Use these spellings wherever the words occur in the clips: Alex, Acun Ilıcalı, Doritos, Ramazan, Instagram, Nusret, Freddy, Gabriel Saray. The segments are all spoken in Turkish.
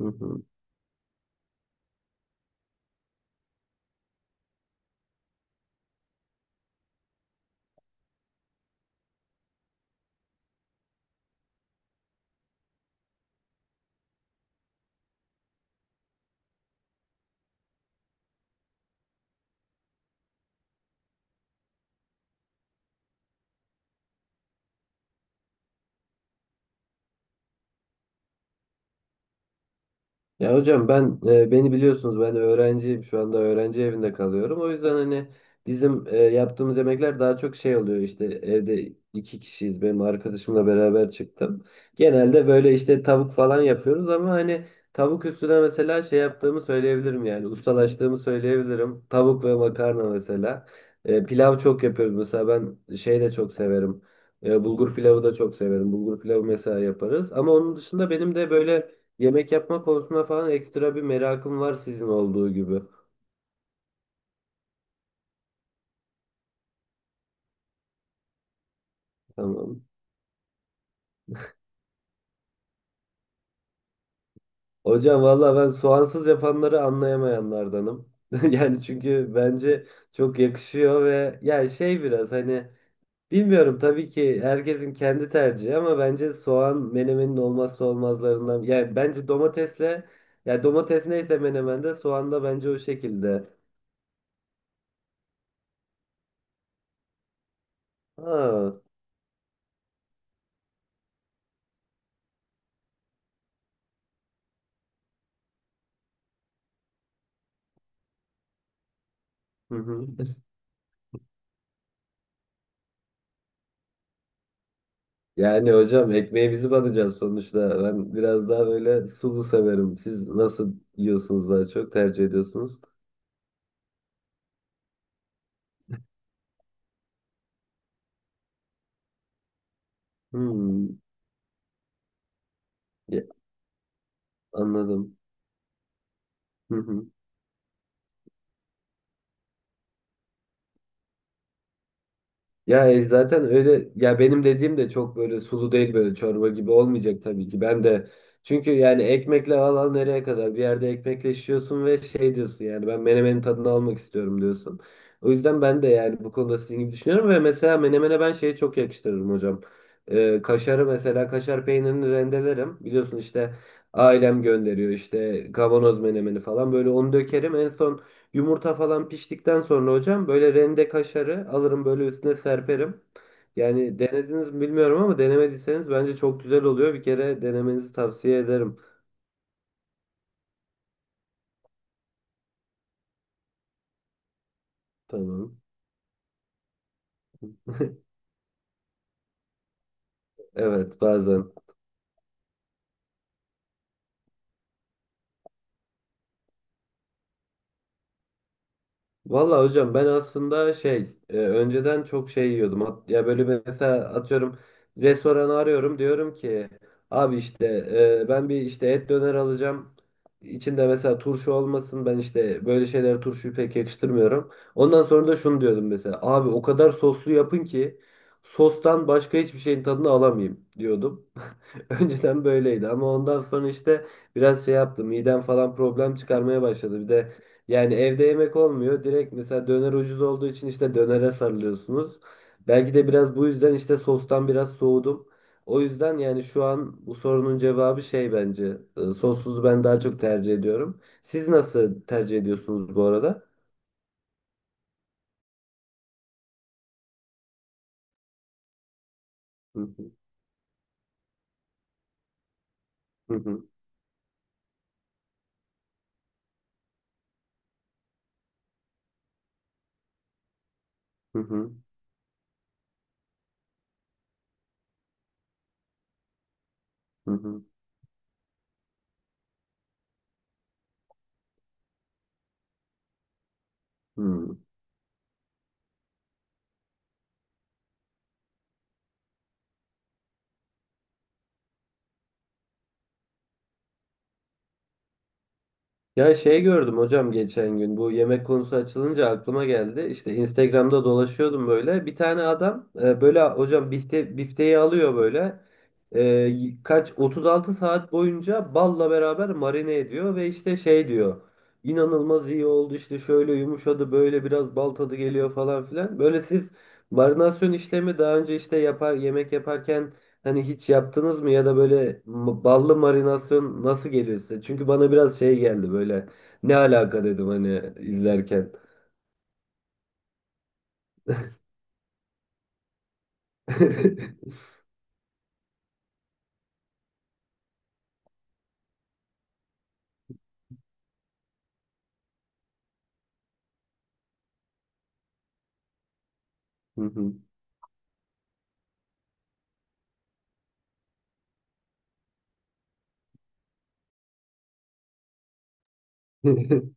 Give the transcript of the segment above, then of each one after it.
Hı hı. Ya hocam ben beni biliyorsunuz, ben öğrenciyim şu anda, öğrenci evinde kalıyorum. O yüzden hani bizim yaptığımız yemekler daha çok şey oluyor, işte evde iki kişiyiz, benim arkadaşımla beraber çıktım. Genelde böyle işte tavuk falan yapıyoruz ama hani tavuk üstüne mesela şey yaptığımı söyleyebilirim, yani ustalaştığımı söyleyebilirim. Tavuk ve makarna mesela. Pilav çok yapıyoruz mesela, ben şey de çok severim. Bulgur pilavı da çok severim. Bulgur pilavı mesela yaparız. Ama onun dışında benim de böyle yemek yapma konusuna falan ekstra bir merakım var sizin olduğu gibi. Tamam. Hocam valla ben soğansız yapanları anlayamayanlardanım. Yani çünkü bence çok yakışıyor ve ya şey, biraz hani bilmiyorum, tabii ki herkesin kendi tercihi ama bence soğan menemenin olmazsa olmazlarından. Yani bence domatesle, ya domates neyse, menemende soğan da bence o şekilde. Ha. Hı hı. Yani hocam ekmeğe bizi batacağız sonuçta. Ben biraz daha böyle sulu severim. Siz nasıl yiyorsunuz, daha çok tercih ediyorsunuz? Hmm, ya, anladım. Ya zaten öyle ya, benim dediğim de çok böyle sulu değil, böyle çorba gibi olmayacak tabii ki. Ben de, çünkü yani ekmekle al nereye kadar, bir yerde ekmekle şişiyorsun ve şey diyorsun, yani ben menemenin tadını almak istiyorum diyorsun. O yüzden ben de yani bu konuda sizin gibi düşünüyorum ve mesela menemene ben şeyi çok yakıştırırım hocam. Kaşarı mesela, kaşar peynirini rendelerim. Biliyorsun işte ailem gönderiyor işte kavanoz menemeni falan, böyle onu dökerim en son. Yumurta falan piştikten sonra hocam böyle rende kaşarı alırım, böyle üstüne serperim. Yani denediniz mi bilmiyorum ama denemediyseniz bence çok güzel oluyor. Bir kere denemenizi tavsiye ederim. Tamam. Evet, bazen. Valla hocam ben aslında şey, önceden çok şey yiyordum. Ya böyle bir, mesela atıyorum restoranı arıyorum, diyorum ki abi işte ben bir işte et döner alacağım. İçinde mesela turşu olmasın. Ben işte böyle şeylere turşuyu pek yakıştırmıyorum. Ondan sonra da şunu diyordum, mesela abi o kadar soslu yapın ki sostan başka hiçbir şeyin tadını alamayayım diyordum. Önceden böyleydi ama ondan sonra işte biraz şey yaptım. Midem falan problem çıkarmaya başladı. Bir de yani evde yemek olmuyor. Direkt mesela döner ucuz olduğu için işte dönere sarılıyorsunuz. Belki de biraz bu yüzden işte sostan biraz soğudum. O yüzden yani şu an bu sorunun cevabı şey bence. Sossuzu ben daha çok tercih ediyorum. Siz nasıl tercih ediyorsunuz bu arada? Hı, hı hı, hı hı, hı hı, hı. Ya şey gördüm hocam, geçen gün bu yemek konusu açılınca aklıma geldi. İşte Instagram'da dolaşıyordum böyle. Bir tane adam böyle hocam, bifteyi alıyor böyle. E, y- kaç 36 saat boyunca balla beraber marine ediyor ve işte şey diyor. İnanılmaz iyi oldu işte, şöyle yumuşadı, böyle biraz bal tadı geliyor falan filan. Böyle siz marinasyon işlemi daha önce işte yapar, yemek yaparken, hani hiç yaptınız mı, ya da böyle ballı marinasyon nasıl geliyor size? Çünkü bana biraz şey geldi, böyle ne alaka dedim hani izlerken. Hı hı.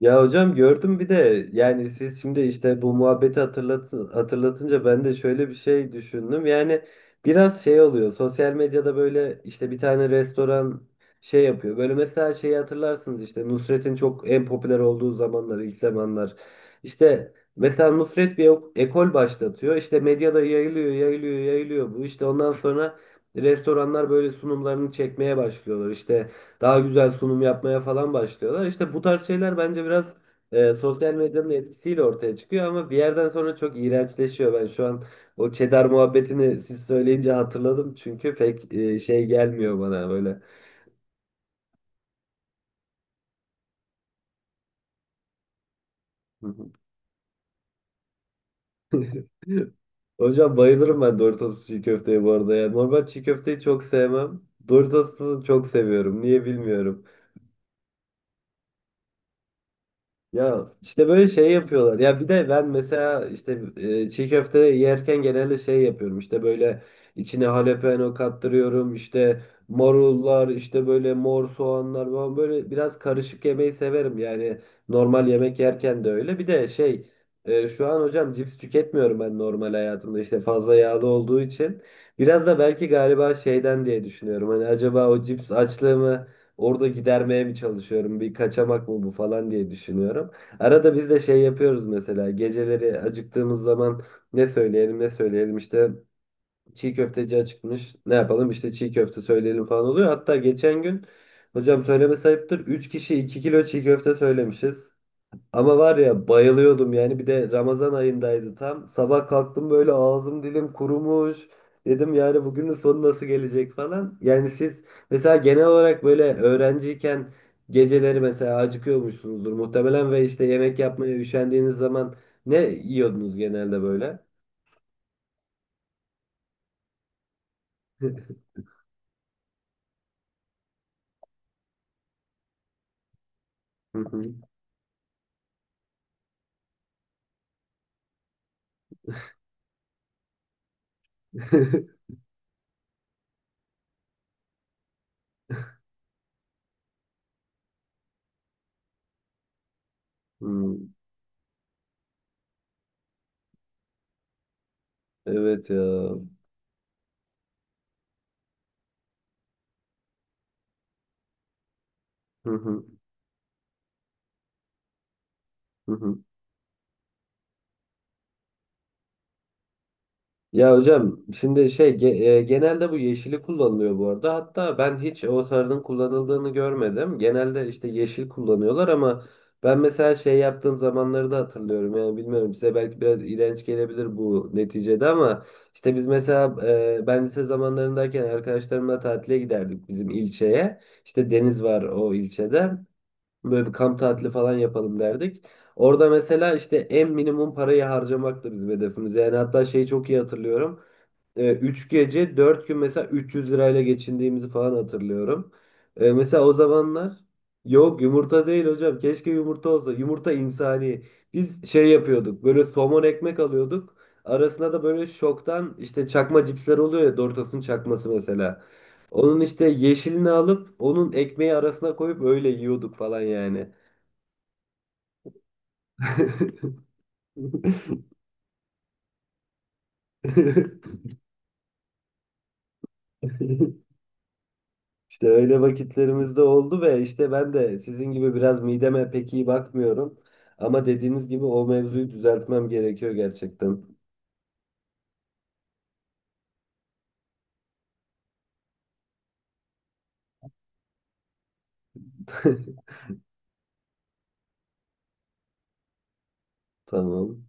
Ya hocam gördüm, bir de yani siz şimdi işte bu muhabbeti hatırlatınca ben de şöyle bir şey düşündüm. Yani biraz şey oluyor sosyal medyada, böyle işte bir tane restoran şey yapıyor. Böyle mesela şeyi hatırlarsınız, işte Nusret'in çok en popüler olduğu zamanlar, ilk zamanlar. İşte mesela Nusret bir ekol başlatıyor, işte medyada yayılıyor yayılıyor yayılıyor bu, işte ondan sonra restoranlar böyle sunumlarını çekmeye başlıyorlar işte. Daha güzel sunum yapmaya falan başlıyorlar. İşte bu tarz şeyler bence biraz sosyal medyanın etkisiyle ortaya çıkıyor ama bir yerden sonra çok iğrençleşiyor. Ben şu an o Çedar muhabbetini siz söyleyince hatırladım, çünkü pek şey gelmiyor bana böyle. Hocam bayılırım ben Doritos çiğ köfteye bu arada ya. Normal çiğ köfteyi çok sevmem. Doritos'u çok seviyorum. Niye bilmiyorum. Ya işte böyle şey yapıyorlar. Ya bir de ben mesela işte çiğ köfte yerken genelde şey yapıyorum. İşte böyle içine jalapeno kattırıyorum. İşte marullar, işte böyle mor soğanlar falan, böyle biraz karışık yemeyi severim. Yani normal yemek yerken de öyle. Bir de şey, şu an hocam cips tüketmiyorum ben normal hayatımda. İşte fazla yağlı olduğu için. Biraz da belki galiba şeyden diye düşünüyorum. Hani acaba o cips açlığımı orada gidermeye mi çalışıyorum, bir kaçamak mı bu falan diye düşünüyorum. Arada biz de şey yapıyoruz mesela, geceleri acıktığımız zaman ne söyleyelim ne söyleyelim işte, çiğ köfteci açıkmış, ne yapalım işte çiğ köfte söyleyelim falan oluyor. Hatta geçen gün hocam, söyleme sayıptır, 3 kişi 2 kilo çiğ köfte söylemişiz. Ama var ya, bayılıyordum yani, bir de Ramazan ayındaydı tam. Sabah kalktım böyle ağzım, dilim kurumuş. Dedim yani bugünün sonu nasıl gelecek falan. Yani siz mesela genel olarak böyle öğrenciyken geceleri mesela acıkıyormuşsunuzdur muhtemelen ve işte yemek yapmaya üşendiğiniz zaman ne yiyordunuz genelde böyle? Hı hı. Hmm. Evet ya. Hı hı, hı hı. Ya hocam şimdi şey genelde bu yeşili kullanılıyor bu arada. Hatta ben hiç o sarının kullanıldığını görmedim. Genelde işte yeşil kullanıyorlar ama ben mesela şey yaptığım zamanları da hatırlıyorum. Yani bilmiyorum, size belki biraz iğrenç gelebilir bu neticede ama işte biz mesela ben lise zamanlarındayken arkadaşlarımla tatile giderdik bizim ilçeye. İşte deniz var o ilçede. Böyle bir kamp tatili falan yapalım derdik. Orada mesela işte en minimum parayı harcamak da bizim hedefimiz. Yani hatta şeyi çok iyi hatırlıyorum. 3 gece 4 gün mesela 300 lirayla geçindiğimizi falan hatırlıyorum. Mesela o zamanlar, yok yumurta değil hocam, keşke yumurta olsa, yumurta insani. Biz şey yapıyorduk, böyle somon ekmek alıyorduk, arasına da böyle şoktan işte çakma cipsler oluyor ya, Doritos'un çakması mesela. Onun işte yeşilini alıp onun ekmeği arasına koyup öyle yiyorduk falan yani. İşte öyle vakitlerimiz de oldu ve işte ben de sizin gibi biraz mideme pek iyi bakmıyorum. Ama dediğiniz gibi o mevzuyu düzeltmem gerekiyor gerçekten. Tamam.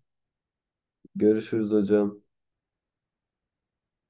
Görüşürüz hocam.